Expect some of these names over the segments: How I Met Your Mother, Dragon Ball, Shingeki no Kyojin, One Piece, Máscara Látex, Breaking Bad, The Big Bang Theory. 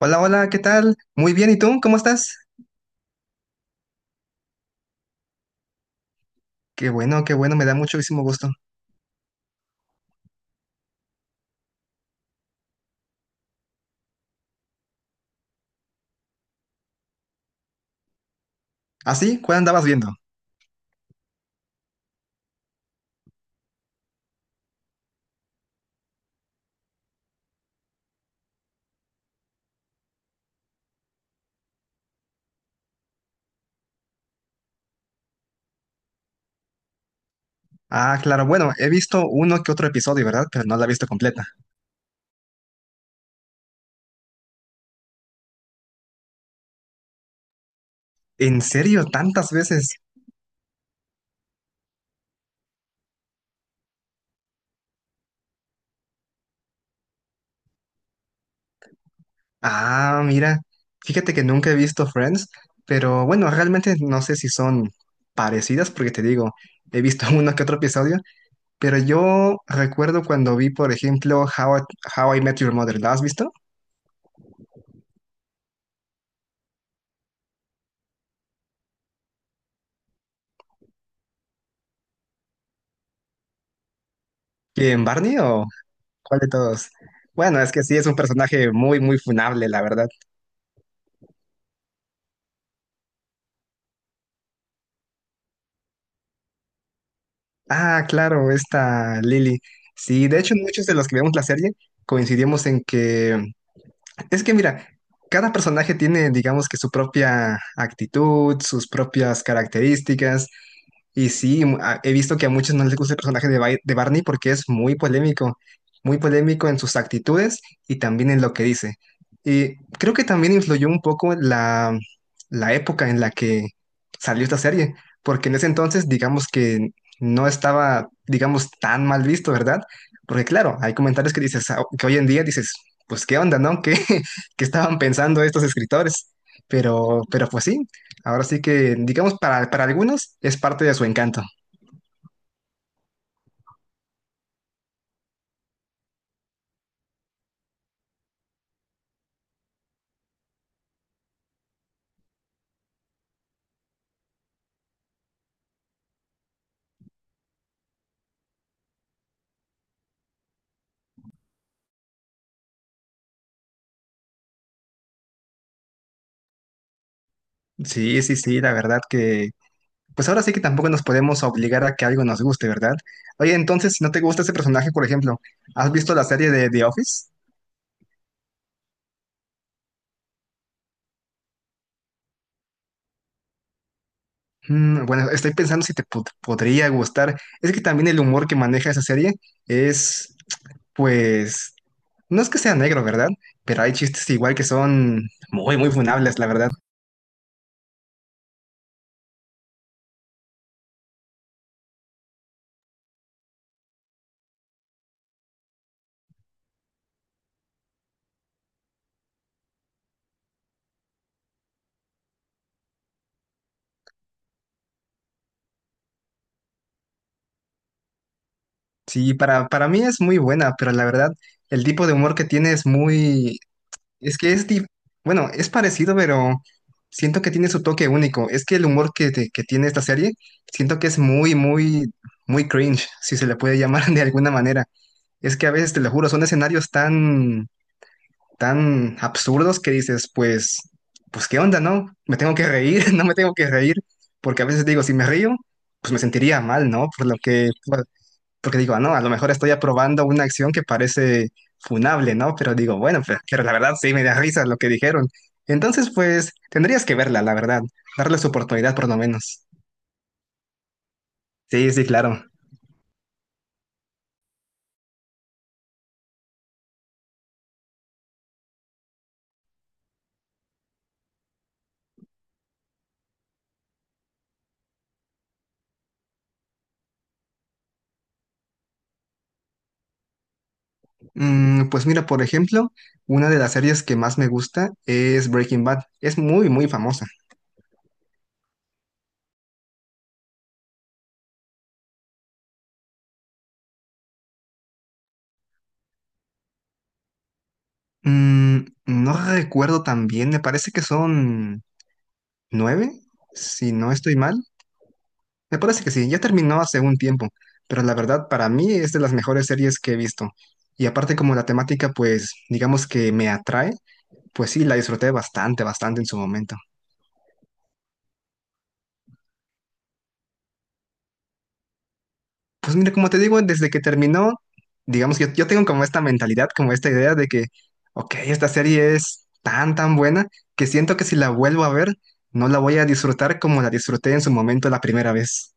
Hola, hola, ¿qué tal? Muy bien, ¿y tú? ¿Cómo estás? Qué bueno, me da muchísimo gusto. ¿Ah, sí? ¿Cuál andabas viendo? Ah, claro, bueno, he visto uno que otro episodio, ¿verdad? Pero no la he visto completa. ¿En serio? ¿Tantas veces? Ah, mira, fíjate que nunca he visto Friends, pero bueno, realmente no sé si son parecidas, porque te digo, he visto uno que otro episodio. Pero yo recuerdo cuando vi, por ejemplo, How I Met Your Mother. ¿La has visto? ¿Quién, Barney o cuál de todos? Bueno, es que sí, es un personaje muy, muy funable, la verdad. Ah, claro, esta Lily. Sí, de hecho, muchos de los que vemos la serie coincidimos en que... Es que mira, cada personaje tiene, digamos que su propia actitud, sus propias características. Y sí, he visto que a muchos no les gusta el personaje de, de Barney, porque es muy polémico en sus actitudes y también en lo que dice. Y creo que también influyó un poco la, la época en la que salió esta serie, porque en ese entonces, digamos que no estaba, digamos, tan mal visto, ¿verdad? Porque claro, hay comentarios que dices, ah, que hoy en día dices, pues qué onda, ¿no? ¿Qué, que estaban pensando estos escritores? Pero pues sí, ahora sí que, digamos, para algunos es parte de su encanto. Sí, sí, sí, la verdad que, pues ahora sí que tampoco nos podemos obligar a que algo nos guste, ¿verdad? Oye, entonces, si no te gusta ese personaje, por ejemplo, ¿has visto la serie de The Office? Mm, bueno, estoy pensando si te podría gustar. Es que también el humor que maneja esa serie es, pues, no es que sea negro, ¿verdad? Pero hay chistes igual que son muy, muy funables, la verdad. Sí, para mí es muy buena, pero la verdad, el tipo de humor que tiene es muy... Es que es... bueno, es parecido, pero siento que tiene su toque único. Es que el humor que, que tiene esta serie, siento que es muy, muy, muy cringe, si se le puede llamar de alguna manera. Es que a veces, te lo juro, son escenarios tan, tan absurdos que dices, pues, pues, ¿qué onda, no? ¿Me tengo que reír? ¿No me tengo que reír? Porque a veces digo, si me río, pues me sentiría mal, ¿no? Por lo que... porque digo, ah, no, a lo mejor estoy aprobando una acción que parece funable, ¿no? Pero digo, bueno, pues, pero la verdad sí me da risa lo que dijeron. Entonces, pues, tendrías que verla, la verdad, darle su oportunidad por lo menos. Sí, sí, claro. Mm, pues mira, por ejemplo, una de las series que más me gusta es Breaking Bad. Es muy, muy famosa. Mm, no recuerdo tan bien, me parece que son nueve, si no estoy mal. Me parece que sí, ya terminó hace un tiempo, pero la verdad para mí es de las mejores series que he visto. Y aparte como la temática pues digamos que me atrae, pues sí, la disfruté bastante, bastante en su momento. Pues mira, como te digo, desde que terminó, digamos que yo tengo como esta mentalidad, como esta idea de que, ok, esta serie es tan, tan buena que siento que si la vuelvo a ver, no la voy a disfrutar como la disfruté en su momento la primera vez.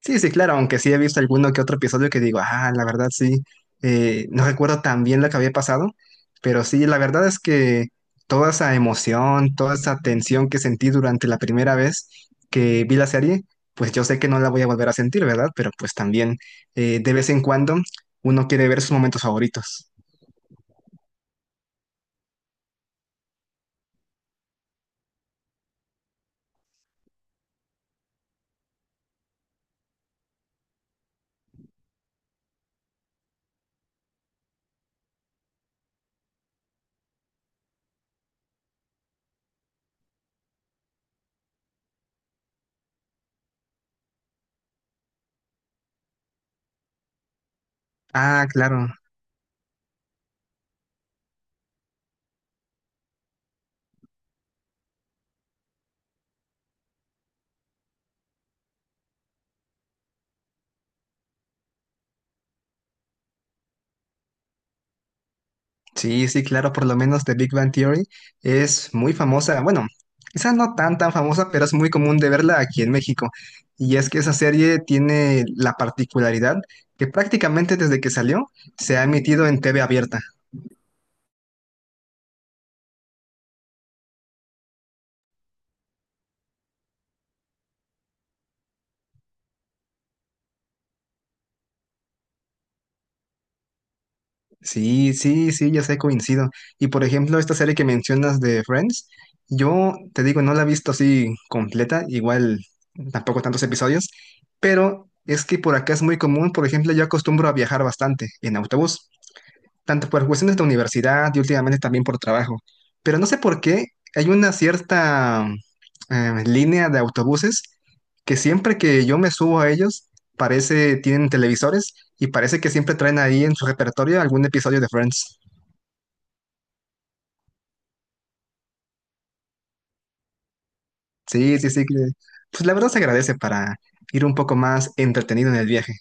Sí, sí, claro, aunque sí he visto alguno que otro episodio que digo, ah, la verdad sí, no recuerdo tan bien lo que había pasado, pero sí, la verdad es que toda esa emoción, toda esa tensión que sentí durante la primera vez que vi la serie, pues yo sé que no la voy a volver a sentir, ¿verdad? Pero pues también de vez en cuando uno quiere ver sus momentos favoritos. Ah, claro. Sí, sí, claro, por lo menos The Big Bang Theory es muy famosa, bueno, quizá no tan tan famosa, pero es muy común de verla aquí en México. Y es que esa serie tiene la particularidad que prácticamente desde que salió se ha emitido en TV abierta. Sí, sí, sí, ya sé, coincido. Y por ejemplo, esta serie que mencionas de Friends, yo te digo, no la he visto así completa, igual tampoco tantos episodios, pero es que por acá es muy común, por ejemplo, yo acostumbro a viajar bastante en autobús. Tanto por cuestiones de universidad y últimamente también por trabajo. Pero no sé por qué hay una cierta línea de autobuses que siempre que yo me subo a ellos, parece, tienen televisores y parece que siempre traen ahí en su repertorio algún episodio de Friends. Sí, sí, sí, que pues la verdad se agradece para ir un poco más entretenido en el viaje.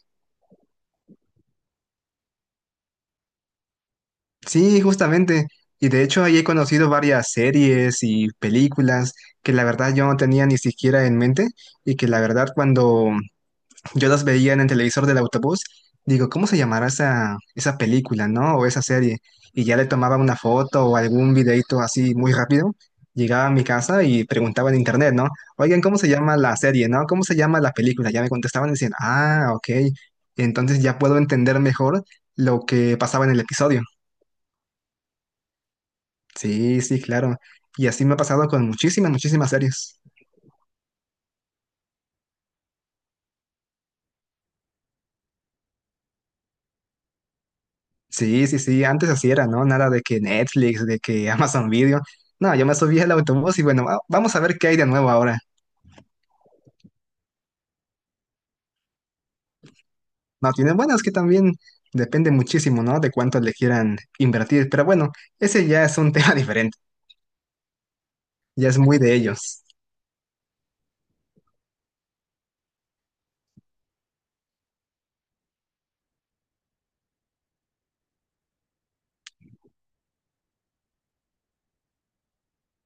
Sí, justamente. Y de hecho ahí he conocido varias series y películas que la verdad yo no tenía ni siquiera en mente y que la verdad cuando... Yo las veía en el televisor del autobús, digo, ¿cómo se llamará esa, esa película, ¿no? O esa serie. Y ya le tomaba una foto o algún videito así muy rápido. Llegaba a mi casa y preguntaba en internet, ¿no? Oigan, ¿cómo se llama la serie, ¿no? ¿Cómo se llama la película? Ya me contestaban y decían, ah, ok. Entonces ya puedo entender mejor lo que pasaba en el episodio. Sí, sí, claro. Y así me ha pasado con muchísimas, muchísimas series. Sí, sí, sí, antes así era, ¿no? Nada de que Netflix, de que Amazon Video. No, yo me subí al autobús y bueno, vamos a ver qué hay de nuevo ahora. No, tienen, bueno, es que también depende muchísimo, ¿no? De cuánto le quieran invertir. Pero bueno, ese ya es un tema diferente, ya es muy de ellos.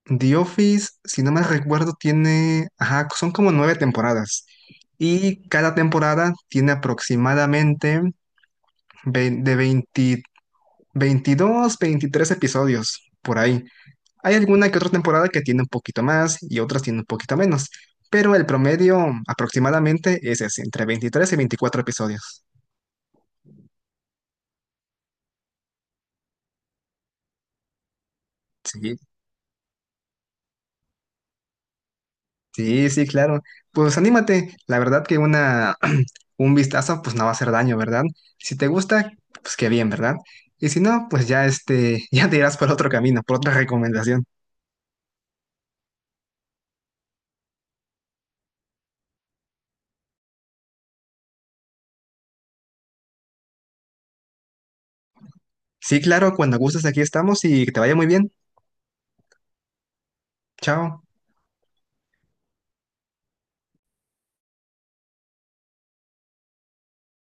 The Office, si no me recuerdo, tiene, ajá, son como nueve temporadas. Y cada temporada tiene aproximadamente vein- de 20 22, 23 episodios por ahí. Hay alguna que otra temporada que tiene un poquito más y otras tiene un poquito menos, pero el promedio aproximadamente es ese, entre 23 y 24 episodios. Sí, sí, sí, claro. Pues anímate, la verdad que una un vistazo pues no va a hacer daño, ¿verdad? Si te gusta, pues qué bien, ¿verdad? Y si no, pues ya este, ya te irás por otro camino, por otra recomendación. Sí, claro, cuando gustes aquí estamos y que te vaya muy bien. Chao.